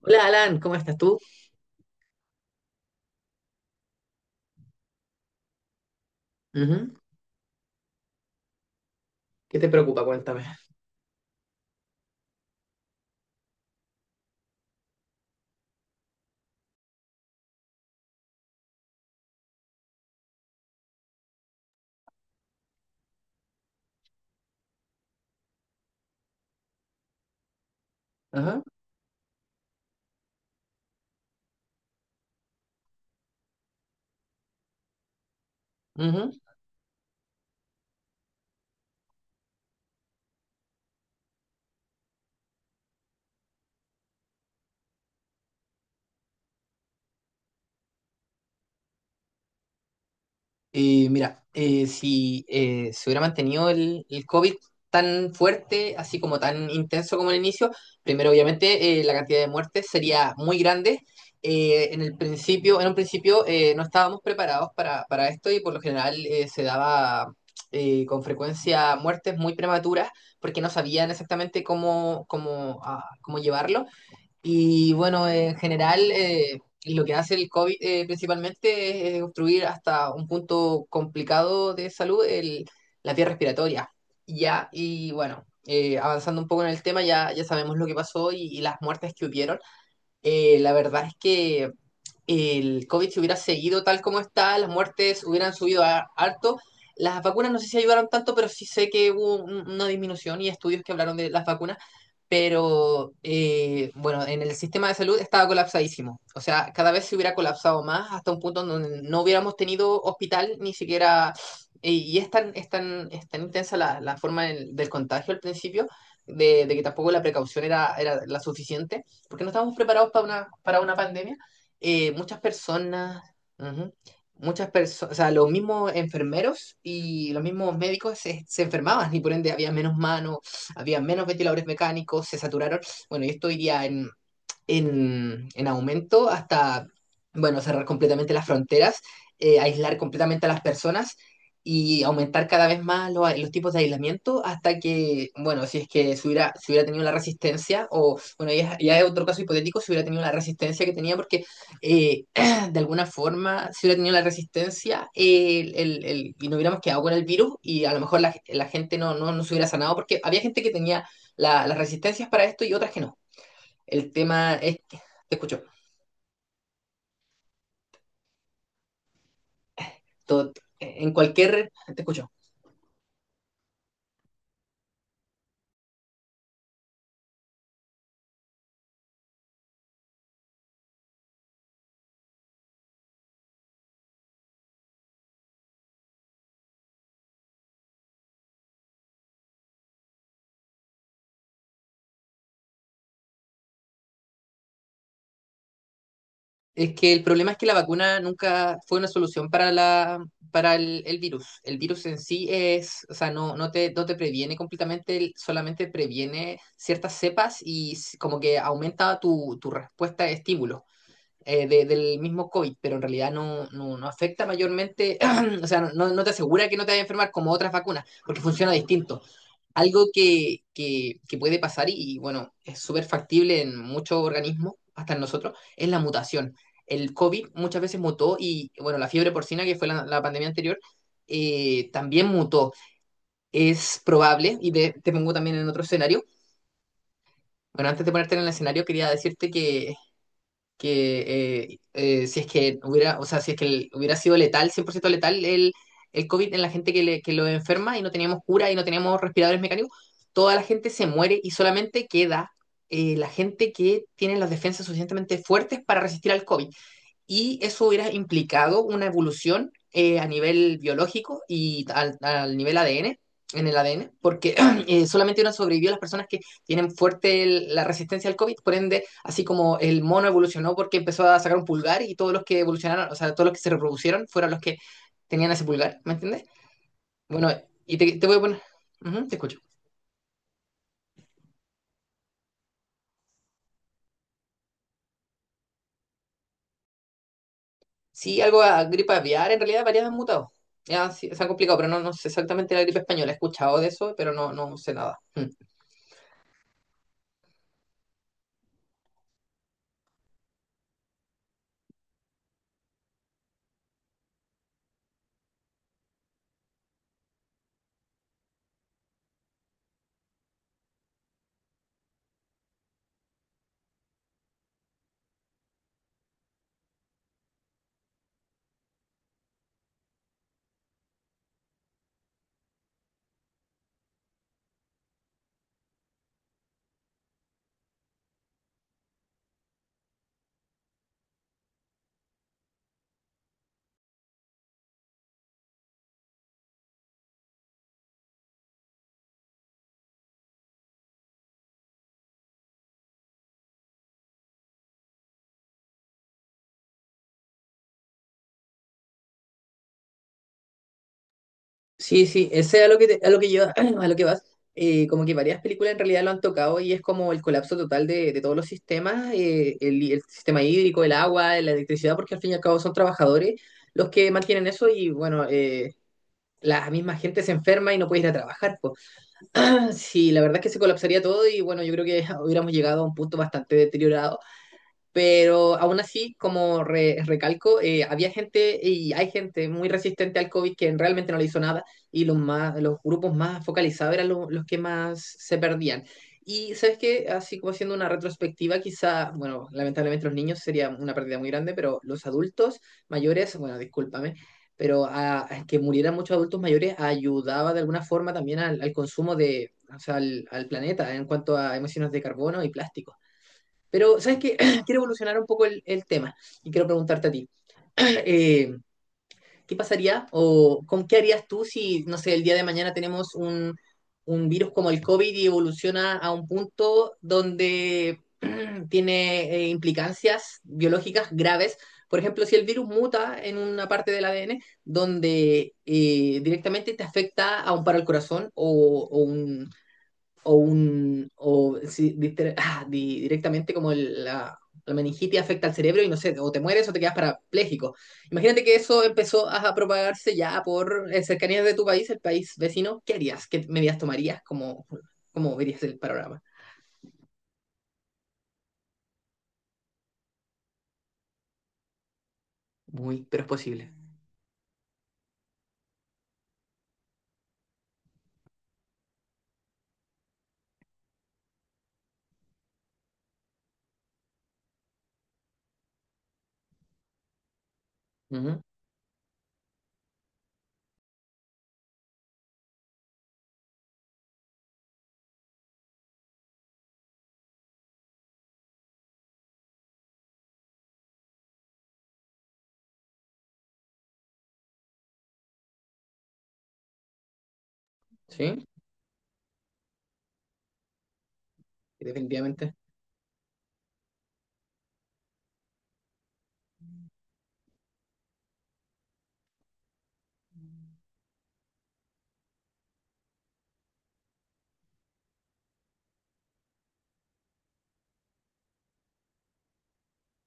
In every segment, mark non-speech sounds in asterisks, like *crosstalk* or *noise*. Hola Alan, ¿cómo estás tú? Ujú. ¿Qué te preocupa? Cuéntame. Ajá, ujú. Mira, si se hubiera mantenido el COVID tan fuerte, así como tan intenso como el inicio, primero obviamente la cantidad de muertes sería muy grande. En el principio, en un principio no estábamos preparados para esto y por lo general se daba con frecuencia muertes muy prematuras porque no sabían exactamente cómo llevarlo. Y bueno, en general, lo que hace el COVID principalmente es obstruir hasta un punto complicado de salud la vía respiratoria. Ya, y bueno, avanzando un poco en el tema, ya sabemos lo que pasó y las muertes que hubieron. La verdad es que el COVID se hubiera seguido tal como está, las muertes hubieran subido harto. Las vacunas no sé si ayudaron tanto, pero sí sé que hubo una disminución y estudios que hablaron de las vacunas. Pero bueno, en el sistema de salud estaba colapsadísimo. O sea, cada vez se hubiera colapsado más hasta un punto en donde no hubiéramos tenido hospital ni siquiera. Y es tan intensa la forma del contagio al principio, de que tampoco la precaución era la suficiente, porque no estábamos preparados para para una pandemia, muchas personas, ujú, muchas personas, o sea, los mismos enfermeros y los mismos médicos se enfermaban y por ende había menos manos, había menos ventiladores mecánicos, se saturaron. Bueno, y esto iría en aumento hasta, bueno, cerrar completamente las fronteras, aislar completamente a las personas y aumentar cada vez más tipos de aislamiento hasta que, bueno, si es que se hubiera tenido la resistencia, o bueno, ya, ya es otro caso hipotético, si hubiera tenido la resistencia que tenía, porque eh, *clears throat* de alguna forma, si hubiera tenido la resistencia y no hubiéramos quedado con el virus y a lo mejor la gente no se hubiera sanado, porque había gente que tenía las resistencias para esto y otras que no. El tema es que, te escucho, todo- te escucho. Es que el problema es que la vacuna nunca fue una solución para para el virus. El virus en sí es, o sea, no te previene completamente, solamente previene ciertas cepas y como que aumenta tu respuesta de estímulos. Del mismo COVID, pero en realidad no afecta mayormente, *clears throat* o sea, no te asegura que no te vayas a enfermar como otras vacunas, porque funciona distinto. Algo que puede pasar bueno, es súper factible en muchos organismos, hasta en nosotros, es la mutación. El COVID muchas veces mutó y, bueno, la fiebre porcina, que fue la pandemia anterior, también mutó. Es probable, te pongo también en otro escenario, bueno, antes de ponerte en el escenario, quería decirte que si es que hubiera, o sea, si es que hubiera sido letal, 100% letal el COVID en la gente que lo enferma y no teníamos cura y no teníamos respiradores mecánicos, toda la gente se muere y solamente queda la gente que tiene las defensas suficientemente fuertes para resistir al COVID y eso hubiera implicado una evolución a nivel biológico al nivel ADN, en el ADN, porque *clears throat* solamente no sobrevivió las personas que tienen fuerte la resistencia al COVID, por ende, así como el mono evolucionó porque empezó a sacar un pulgar y todos los que evolucionaron, o sea, todos los que se reproducieron fueron los que tenían ese pulgar, ¿me entiendes? Bueno, te voy a poner, ujú, te escucho. Sí, algo a gripe aviar, en realidad varias han mutado. Ya, sí, se han complicado, pero no sé exactamente la gripe española. He escuchado de eso, pero no sé nada. Mm. Sí, sí, ese es a lo que, a lo que yo, *clears throat* a lo que vas. Como que varias películas en realidad lo han tocado y es como el colapso total de todos los sistemas, el sistema hídrico, el agua, la electricidad, porque al fin y al cabo son trabajadores los que mantienen eso y bueno, la misma gente se enferma y no puede ir a trabajar, po. *clears throat* Sí, la verdad es que se colapsaría todo y bueno, yo creo que *laughs* hubiéramos llegado a un punto bastante deteriorado, pero aún así, como recalco, había gente y hay gente muy resistente al COVID que realmente no le hizo nada y los grupos más focalizados eran los que más se perdían. Y sabes que, así como haciendo una retrospectiva, quizá, bueno, lamentablemente los niños sería una pérdida muy grande, pero los adultos mayores, bueno, discúlpame, pero a que murieran muchos adultos mayores ayudaba de alguna forma también al consumo de, o sea, al planeta en cuanto a emisiones de carbono y plástico. Pero, ¿sabes qué? *clears throat* Quiero evolucionar un poco el tema y quiero preguntarte a ti, *clears throat* eh, ¿qué pasaría o con qué harías tú si, no sé, el día de mañana tenemos un virus como el COVID y evoluciona a un punto donde *clears throat* tiene implicancias biológicas graves? Por ejemplo, si el virus muta en una parte del ADN donde directamente te afecta a un paro al corazón o un, o un o si diste- *laughs* directamente como la meningitis afecta al cerebro y no sé, o te mueres o te quedas parapléjico. Imagínate que eso empezó a propagarse ya por cercanías de tu país, el país vecino. ¿Qué harías? ¿Qué medidas tomarías? ¿Cómo verías el panorama? Muy, pero es posible. Ujú. Sí, definitivamente.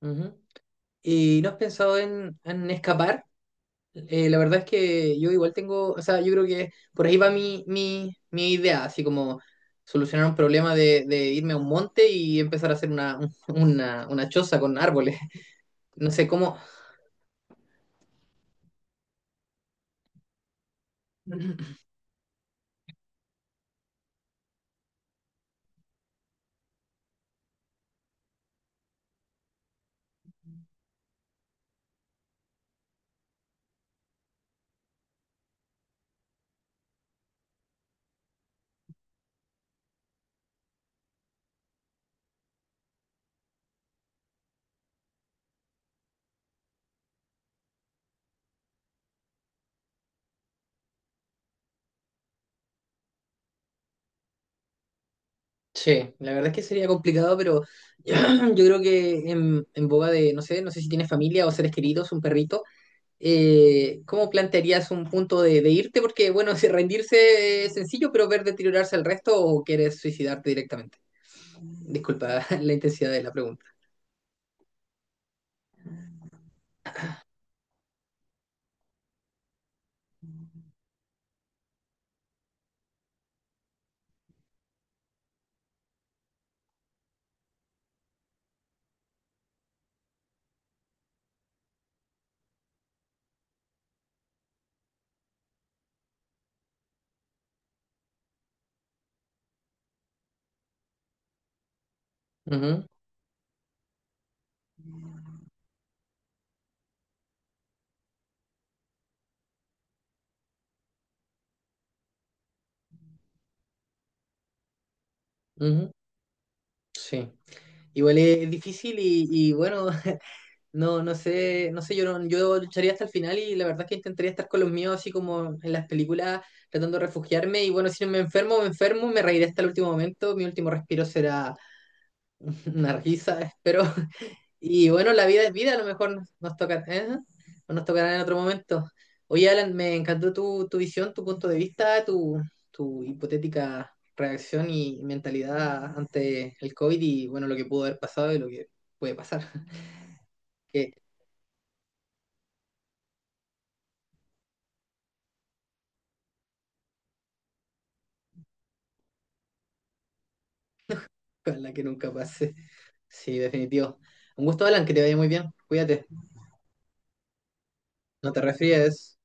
Ujú. ¿Y no has pensado en escapar? La verdad es que yo igual tengo, o sea, yo creo que por ahí va mi idea, así como solucionar un problema de irme a un monte y empezar a hacer *laughs* una choza con árboles. *laughs* No sé cómo... *laughs* Sí, la verdad es que sería complicado, pero *clears throat* yo creo que en boga de, no sé, no sé si tienes familia o seres queridos, un perrito, ¿cómo plantearías un punto de irte? Porque, bueno, *laughs* si rendirse es sencillo, pero ver deteriorarse al resto o quieres suicidarte directamente. Disculpa *laughs* la intensidad de la pregunta. Ujú, ujú, sí. Igual es difícil y bueno, *laughs* no sé, no sé, yo no- yo lucharía hasta el final y la verdad es que intentaría estar con los míos así como en las películas, tratando de refugiarme y bueno, si me enfermo, me enfermo, me reiré hasta el último momento, mi último respiro será *laughs* una risa, espero. Y bueno, la vida es vida, a lo mejor nos toca, ¿eh? O nos tocará en otro momento. Oye, Alan, me encantó tu visión, tu punto de vista, tu hipotética reacción y mentalidad ante el COVID y bueno, lo que pudo haber pasado y lo que puede pasar, *laughs* que la que nunca pase. Sí, definitivo. Un gusto, Alan, que te vaya muy bien. Cuídate, no te resfríes.